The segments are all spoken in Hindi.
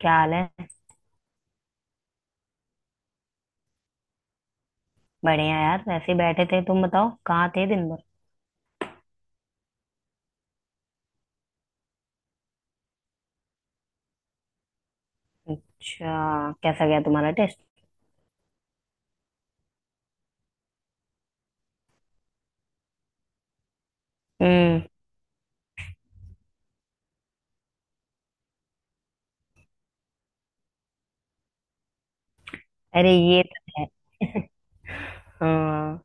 क्या हाल है? बढ़िया यार, वैसे ही बैठे थे। तुम बताओ कहाँ थे दिन भर? अच्छा, कैसा गया तुम्हारा टेस्ट? हम्म। अरे ये तो है। हाँ।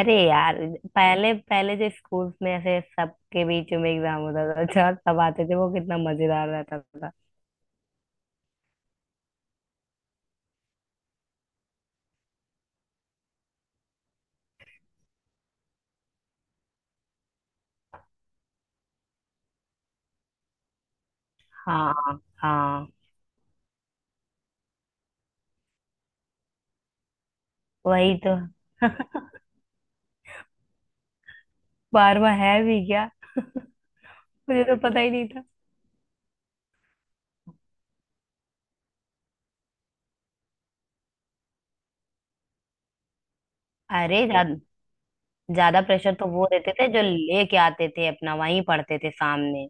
अरे यार, पहले पहले जो स्कूल में ऐसे सबके बीच में एग्जाम होता था, अच्छा सब आते थे, वो कितना मजेदार रहता था। हाँ हाँ। वही तो। बार बार है भी क्या। मुझे तो पता ही नहीं था। अरे ज्यादा, ज्यादा प्रेशर तो वो देते थे जो लेके आते थे, अपना वहीं पढ़ते थे सामने।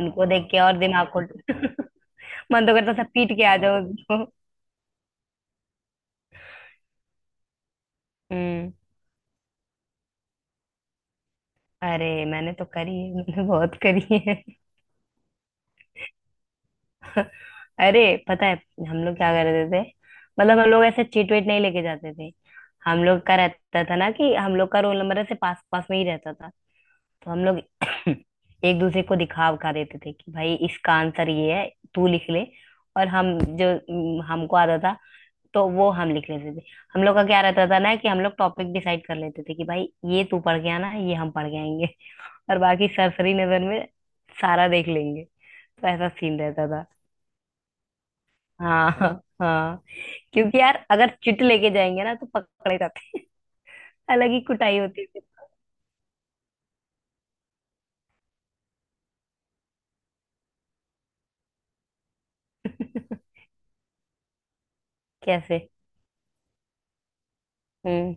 उनको देख के और दिमाग खुल। मन तो करता था पीट के आ जाओ उसको। हम्म। अरे मैंने तो करी है, मैंने बहुत करी है। अरे, पता है हम लोग क्या करते थे? मतलब हम लोग ऐसे चीट वेट नहीं लेके जाते थे। हम लोग का रहता था ना कि हम लोग का रोल नंबर ऐसे पास पास में ही रहता था। तो हम लोग एक दूसरे को दिखा उखा देते थे कि भाई इसका आंसर ये है, तू लिख ले। और हम जो हमको आता था, तो वो हम लिख लेते थे। हम लोग का क्या रहता था ना कि हम लोग टॉपिक डिसाइड कर लेते थे कि भाई ये तू पढ़ के आना, ये हम पढ़ के आएंगे। और बाकी सरसरी नजर में सारा देख लेंगे। तो ऐसा सीन रहता था। हाँ। हाँ। क्योंकि यार अगर चिट लेके जाएंगे ना तो पकड़े जाते हैं। अलग ही कुटाई होती थी। कैसे? हम्म।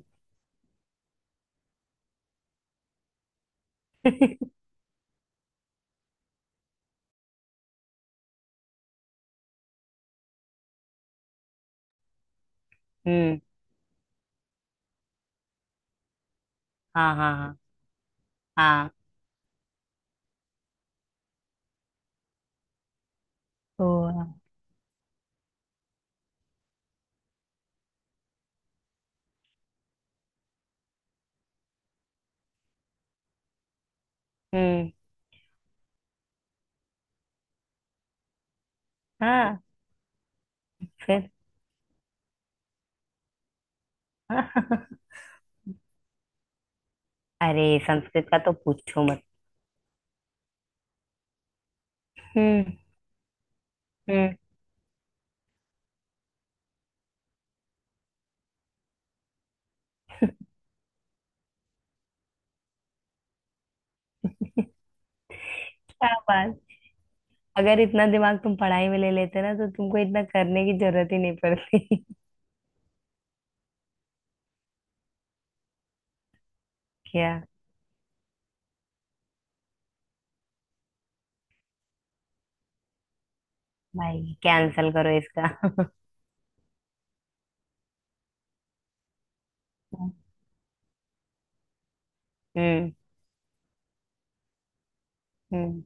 हम्म। हाँ हाँ हाँ। हाँ। तो। हम्म। हाँ। फिर। हाँ। अरे संस्कृत का तो पूछो मत। हम्म। हम्म। क्या बात! अगर इतना दिमाग तुम पढ़ाई में ले लेते ना तो तुमको इतना करने की जरूरत ही नहीं पड़ती। क्या? भाई कैंसल करो इसका। हम्म। हम्म।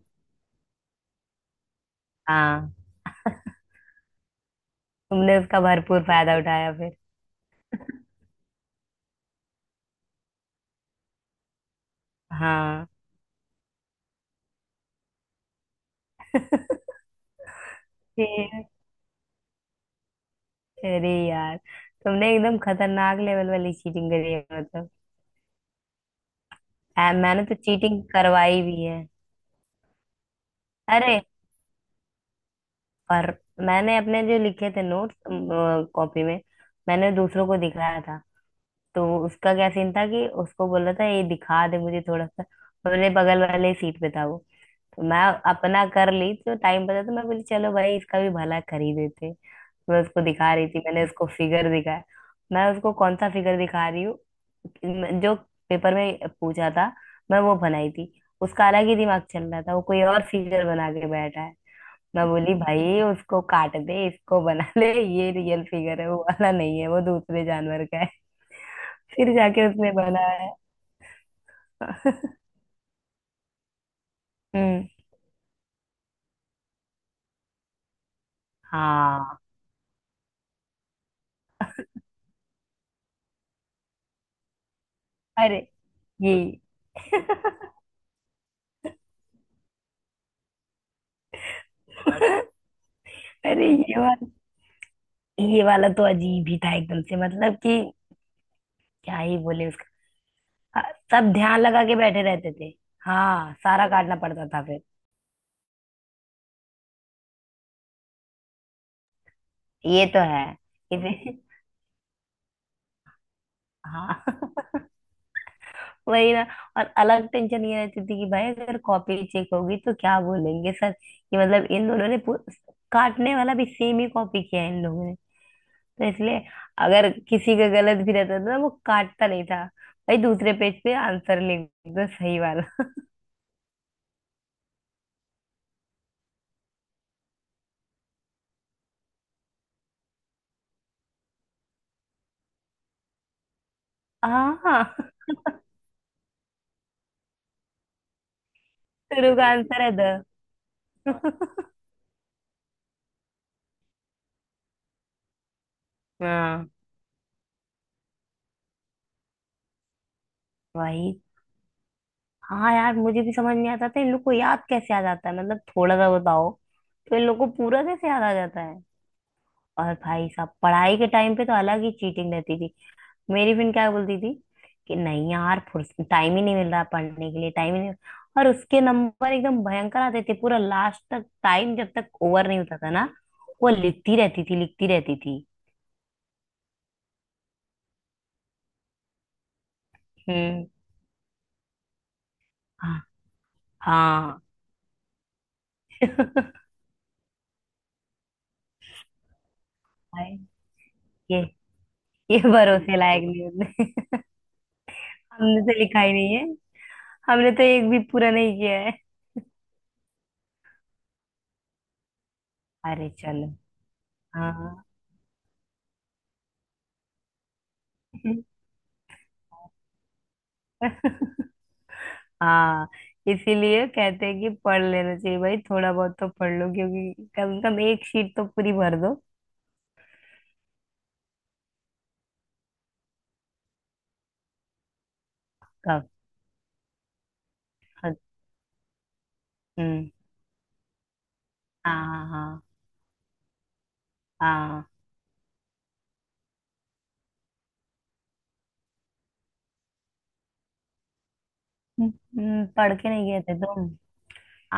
हाँ। तुमने उसका भरपूर फायदा उठाया फिर। हाँ। फिर- अरे यार! तुमने एकदम खतरनाक लेवल वाली चीटिंग करी है मतलब। मैंने तो चीटिंग करवाई भी है। अरे, पर मैंने अपने जो लिखे थे नोट्स कॉपी में, मैंने दूसरों को दिखाया था। तो उसका क्या सीन था कि उसको बोला था ये दिखा दे मुझे थोड़ा सा, तो मेरे बगल वाले सीट पे था वो। तो मैं अपना कर ली तो टाइम बचा तो मैं बोली चलो भाई इसका भी भला कर ही देते। मैं उसको दिखा रही थी, मैंने उसको फिगर दिखाया। मैं उसको कौन सा फिगर दिखा रही हूँ जो पेपर में पूछा था, मैं वो बनाई थी। उसका अलग ही दिमाग चल रहा था, वो कोई और फिगर बना के बैठा है। मैं बोली भाई उसको काट दे, इसको बना ले, ये रियल फिगर है, वो वाला नहीं है, वो दूसरे जानवर का है। फिर जाके उसने बनाया। हम्म। हाँ। अरे ये। अरे ये वाला, ये वाला तो अजीब ही था एकदम से, मतलब कि क्या ही बोले उसका। हाँ, सब ध्यान लगा के बैठे रहते थे। हाँ, सारा काटना पड़ता था फिर। ये तो है। इसे। हाँ। वही ना। और अलग टेंशन ये रहती थी कि भाई अगर कॉपी चेक होगी तो क्या बोलेंगे सर कि मतलब इन दोनों ने पू-, काटने वाला भी सेम ही कॉपी किया है इन लोगों ने। तो इसलिए अगर किसी का गलत भी रहता था ना वो काटता नहीं था। भाई दूसरे पेज पे आंसर लिख दो सही वाला। हाँ। शुरू का आंसर है द। हाँ। वही। हाँ यार, मुझे भी समझ नहीं आता था इन लोग को याद कैसे आ जाता है, मतलब थोड़ा सा बताओ तो इन लोग को पूरा कैसे याद आ जाता है। और भाई साहब पढ़ाई के टाइम पे तो अलग ही चीटिंग रहती थी। मेरी फिर क्या बोलती थी कि नहीं यार, टाइम ही नहीं मिल रहा पढ़ने के लिए, टाइम ही नहीं। और उसके नंबर एकदम भयंकर आते थे पूरा लास्ट तक। टाइम जब तक ओवर नहीं होता था ना वो लिखती रहती थी, लिखती रहती थी। हम्म। हाँ। हाँ। भाई ये ये। भरोसे लायक न्यूज नहीं। हमने तो लिखा ही नहीं है, हमने तो एक भी पूरा नहीं किया है। अरे चलो। हाँ। हाँ। इसीलिए कहते हैं कि पढ़ लेना चाहिए भाई, थोड़ा बहुत तो पढ़ लो क्योंकि कम से कम एक शीट तो पूरी भर दो। कब? हद- हम्म। हाँ हाँ हाँ। हाँ। पढ़ के नहीं गए थे तुम?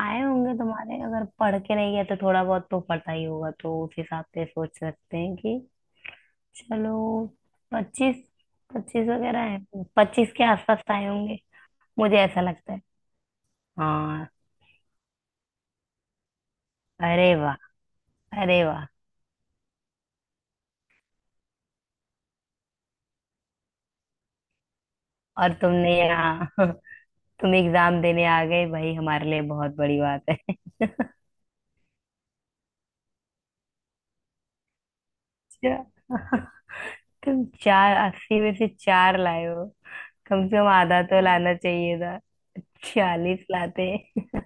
आए होंगे तुम्हारे, अगर पढ़ के नहीं गए तो थोड़ा बहुत तो पता ही होगा तो उस हिसाब से सोच सकते हैं कि चलो 25, 25 वगैरह है। 25 के आसपास आए होंगे, मुझे ऐसा लगता है। हाँ। अरे वाह! अरे वाह! और तुमने यहाँ तुम एग्जाम देने आ गए भाई, हमारे लिए बहुत बड़ी बात है। अच्छा, तुम चार 80 में से चार लाए हो? कम से कम आधा तो लाना चाहिए था। 46 लाते।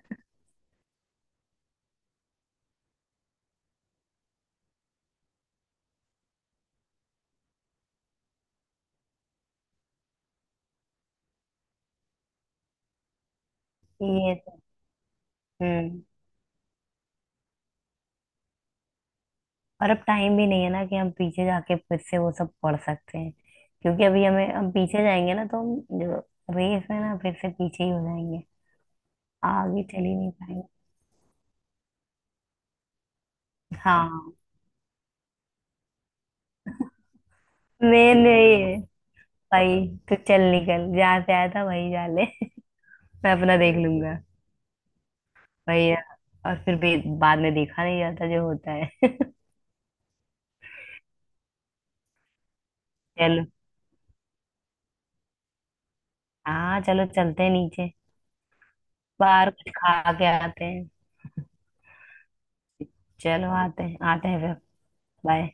ये तो- हम्म। और अब टाइम भी नहीं है ना कि हम पीछे जाके फिर से वो सब पढ़ सकते हैं, क्योंकि अभी हमें, हम पीछे जाएंगे ना तो हम जो रेस है ना फिर से पीछे ही हो जाएंगे। आगे चल ही नहीं पाएंगे। हाँ। मेन यही है। भाई तू चल निकल, जहाँ से आया था वही जा ले। मैं अपना देख लूंगा भैया। और फिर भी बाद में देखा नहीं जाता जो होता है। चलो। हाँ चलो, चलते हैं नीचे। बाहर कुछ खा के आते हैं। चलो आते हैं फिर। बाय।